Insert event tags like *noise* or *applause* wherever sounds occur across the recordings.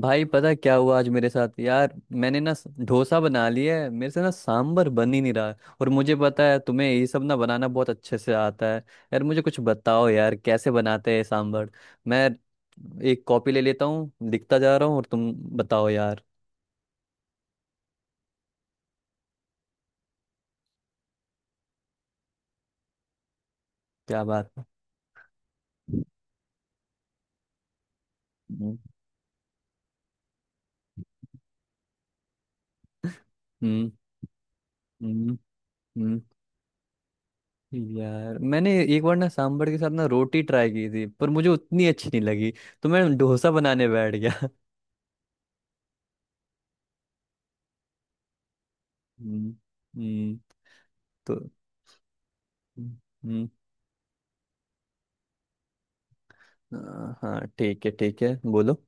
भाई पता क्या हुआ आज मेरे साथ यार। मैंने ना डोसा बना लिया है, मेरे से ना सांबर बन ही नहीं रहा है। और मुझे पता है तुम्हें ये सब ना बनाना बहुत अच्छे से आता है। यार मुझे कुछ बताओ यार, कैसे बनाते हैं सांबर। मैं एक कॉपी ले लेता हूँ, लिखता जा रहा हूँ, और तुम बताओ यार। क्या बात है। हम्म। हम्म। हम्म, हम्म, यार मैंने एक बार ना सांबर के साथ ना रोटी ट्राई की थी, पर मुझे उतनी अच्छी नहीं लगी, तो मैं डोसा बनाने बैठ गया। *laughs* हम्म। हम्म, तो हम्म। हाँ हाँ, ठीक है ठीक है, बोलो।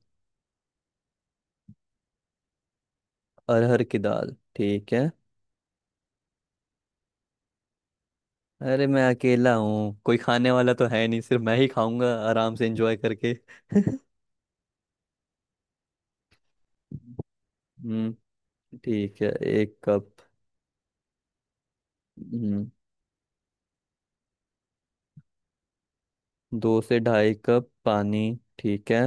अरहर की दाल, ठीक है। अरे मैं अकेला हूँ, कोई खाने वाला तो है नहीं, सिर्फ मैं ही खाऊंगा आराम से एंजॉय करके। *laughs* हम्म। ठीक है, एक कप। हम्म। दो से ढाई कप पानी, ठीक है।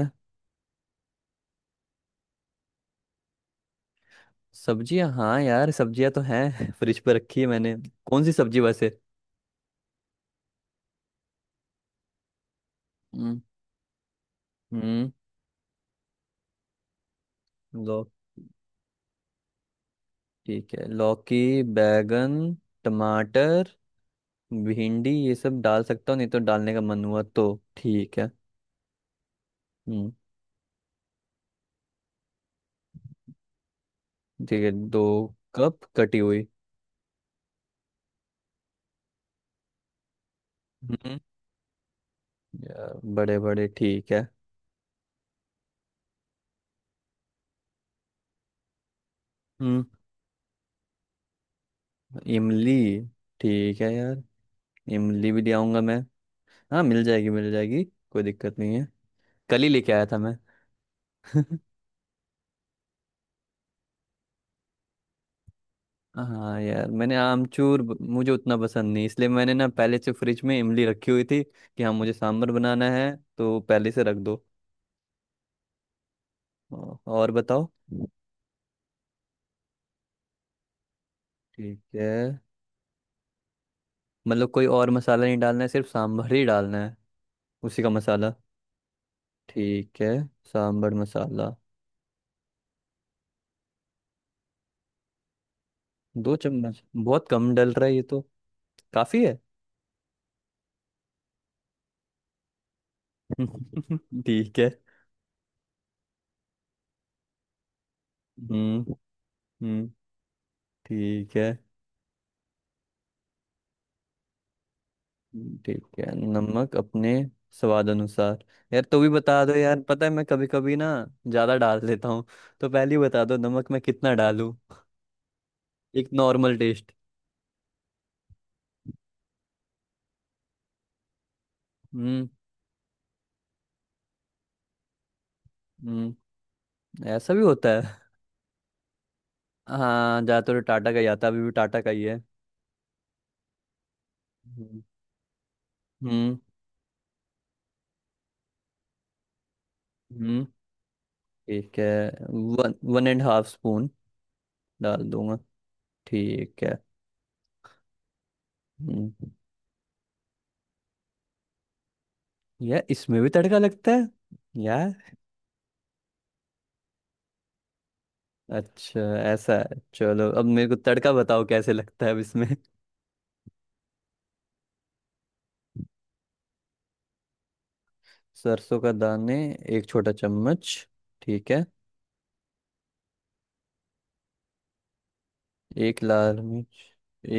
सब्जियां, हाँ यार सब्जियां तो हैं *laughs* फ्रिज पर रखी है मैंने। कौन सी सब्जी वैसे। हम्म। हम्म। लौ ठीक है, लौकी, बैगन, टमाटर, भिंडी, ये सब डाल सकता हूँ। नहीं तो डालने का मन हुआ तो ठीक है। हम्म। ठीक है, दो कप कटी हुई। हम्म, यार बड़े बड़े, ठीक है। हम्म। इमली, ठीक है यार। इमली भी ले आऊंगा मैं। हाँ, मिल जाएगी मिल जाएगी, कोई दिक्कत नहीं है, कल ही लेके आया था मैं। *laughs* हाँ यार, मैंने आमचूर मुझे उतना पसंद नहीं, इसलिए मैंने ना पहले से फ्रिज में इमली रखी हुई थी कि हाँ, मुझे सांभर बनाना है, तो पहले से रख दो। और बताओ। ठीक है। मतलब कोई और मसाला नहीं डालना है, सिर्फ सांभर ही डालना है, उसी का मसाला। ठीक है, सांभर मसाला। दो चम्मच बहुत कम डल रहा है ये तो, काफी है। *laughs* ठीक है। हम्म। हम्म। ठीक है। ठीक है, नमक अपने स्वाद अनुसार। यार तो भी बता दो यार, पता है मैं कभी कभी ना ज्यादा डाल देता हूँ, तो पहले ही बता दो नमक मैं कितना डालूं। एक नॉर्मल टेस्ट। हम्म। हम्म। ऐसा भी होता है। हाँ, ज्यादातर तो टाटा का ही आता है, अभी भी टाटा का ही है। हम्म। हम्म। ठीक है। One one and half spoon डाल दूंगा। ठीक है। हम्म। यार, इसमें भी तड़का लगता है यार। अच्छा। ऐसा है, चलो अब मेरे को तड़का बताओ, कैसे लगता है अब इसमें। *laughs* सरसों का दाने, एक छोटा चम्मच, ठीक है। एक लाल मिर्च,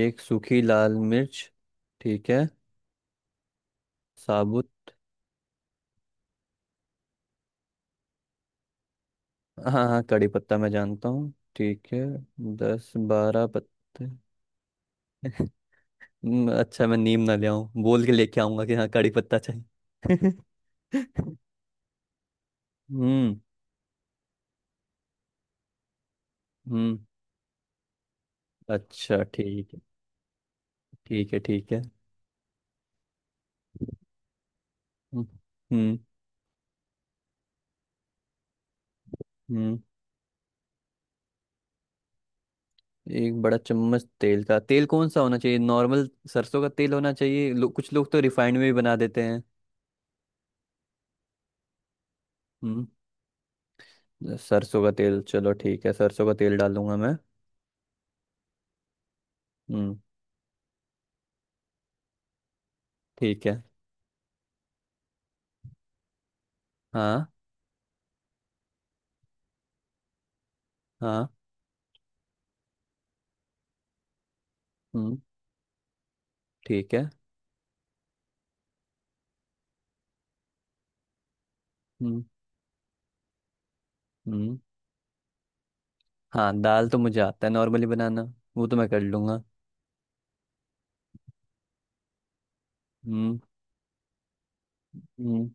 एक सूखी लाल मिर्च। ठीक है। साबुत। हाँ हाँ, कड़ी पत्ता मैं जानता हूँ, ठीक है। दस बारह पत्ते। *laughs* अच्छा, मैं नीम ना ले आऊं, बोल के लेके आऊंगा कि हाँ कड़ी पत्ता चाहिए। *laughs* हम्म। हम्म। अच्छा ठीक है। ठीक है ठीक है। हम्म। हम्म। हम्म, एक बड़ा चम्मच तेल का। तेल कौन सा होना चाहिए, नॉर्मल सरसों का तेल होना चाहिए लो, कुछ लोग तो रिफाइंड में भी बना देते हैं। हम्म। सरसों का तेल, चलो ठीक है, सरसों का तेल डालूंगा मैं। हम्म। ठीक है। हाँ। हाँ। हम्म। ठीक है। हम्म। हम्म। हाँ, दाल तो मुझे आता है नॉर्मली बनाना, वो तो मैं कर लूंगा। हम्म। हम्म।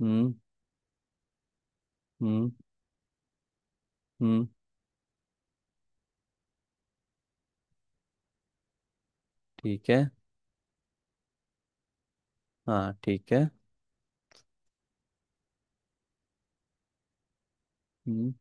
हम्म। हम्म। हम्म, ठीक है। हाँ ठीक है। हम्म।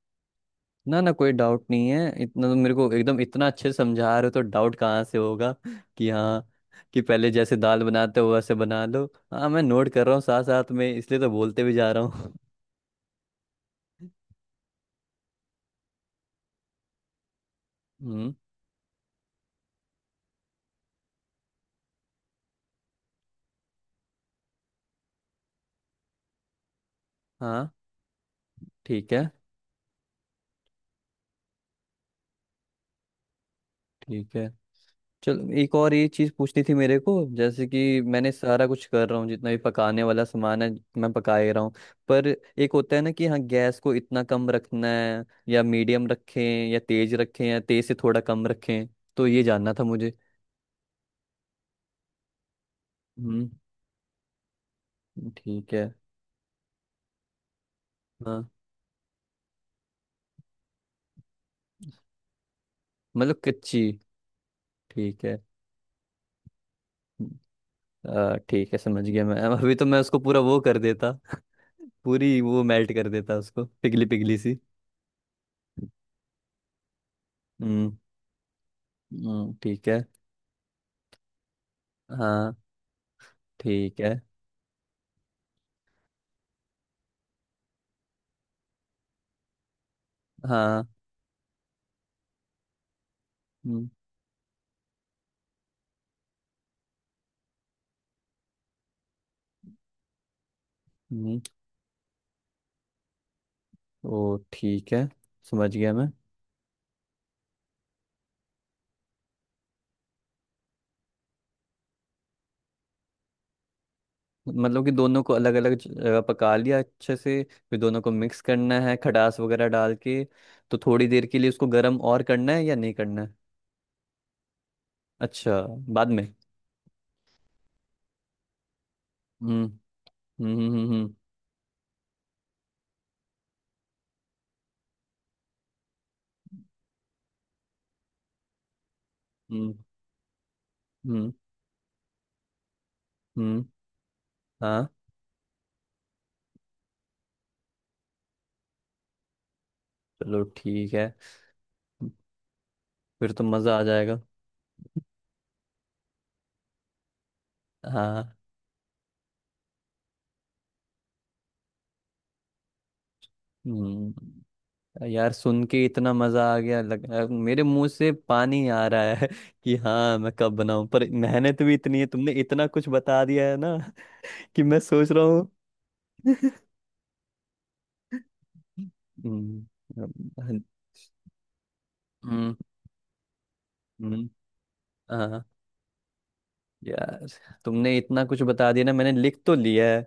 ना ना, कोई डाउट नहीं है, इतना तो मेरे को एकदम इतना अच्छे से समझा रहे हो, तो डाउट कहाँ से होगा। *laughs* कि हाँ, कि पहले जैसे दाल बनाते हो वैसे बना लो। हाँ, मैं नोट कर रहा हूँ साथ साथ में, इसलिए तो बोलते भी जा रहा हूँ। *laughs* हम्म। हाँ ठीक है ठीक है। चलो, एक और ये चीज़ पूछनी थी मेरे को, जैसे कि मैंने सारा कुछ कर रहा हूँ, जितना भी पकाने वाला सामान है, मैं पका ही रहा हूँ, पर एक होता है ना कि हाँ, गैस को इतना कम रखना है या मीडियम रखें, या तेज रखें, या तेज से थोड़ा कम रखें, तो ये जानना था मुझे। हम्म। ठीक है। हाँ। मतलब कच्ची, ठीक है। ठीक है, समझ गया मैं, अभी तो मैं उसको पूरा वो कर देता। *laughs* पूरी वो मेल्ट कर देता उसको, पिघली पिघली सी। हम्म। ठीक है। हाँ ठीक है। हाँ। हम्म, हम्म, ओ ठीक है, समझ गया मैं। मतलब कि दोनों को अलग अलग जगह पका लिया अच्छे से, फिर दोनों को मिक्स करना है खटास वगैरह डाल के, तो थोड़ी देर के लिए उसको गर्म और करना है या नहीं करना है। अच्छा, बाद में। हम्म। हम्म। हम्म हम्म हम्म, हम्म, हाँ। चलो ठीक है, फिर तो मज़ा आ जाएगा। हाँ। हम्म। यार सुन के इतना मजा आ गया, मेरे मुंह से पानी आ रहा है *laughs* कि हाँ मैं कब बनाऊं, पर मेहनत भी इतनी है, तुमने इतना कुछ बता दिया है ना। *laughs* कि मैं सोच रहा हूँ। *laughs* हम्म, हम्म, हम्म, हम्म, हाँ। यार तुमने इतना कुछ बता दिया ना, मैंने लिख तो लिया है,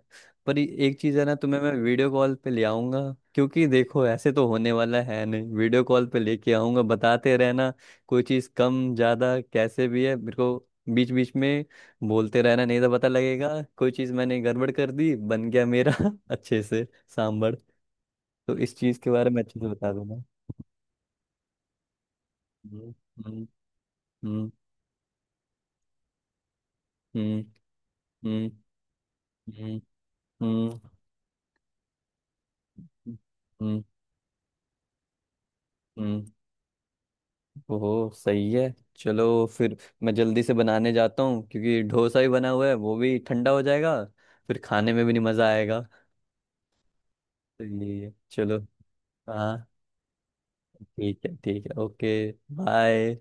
पर एक चीज है ना, तुम्हें मैं वीडियो कॉल पे ले आऊंगा, क्योंकि देखो ऐसे तो होने वाला है नहीं, वीडियो कॉल पे लेके आऊंगा, बताते रहना कोई चीज कम ज्यादा कैसे भी है, मेरे को बीच बीच में बोलते रहना, नहीं तो पता लगेगा कोई चीज मैंने गड़बड़ कर दी। बन गया मेरा *laughs* अच्छे से सांभर, तो इस चीज के बारे में अच्छे से बता दूंगा। हम्म। हम्म। हम्म हम्म हम्म हम्म, हम्म, हम्म, ओह सही है, चलो फिर। मैं जल्दी से बनाने जाता हूँ, क्योंकि डोसा ही बना हुआ है, वो भी ठंडा हो जाएगा, फिर खाने में भी नहीं मज़ा आएगा। तो ये है। चलो। हाँ ठीक है ठीक है, ओके, बाय।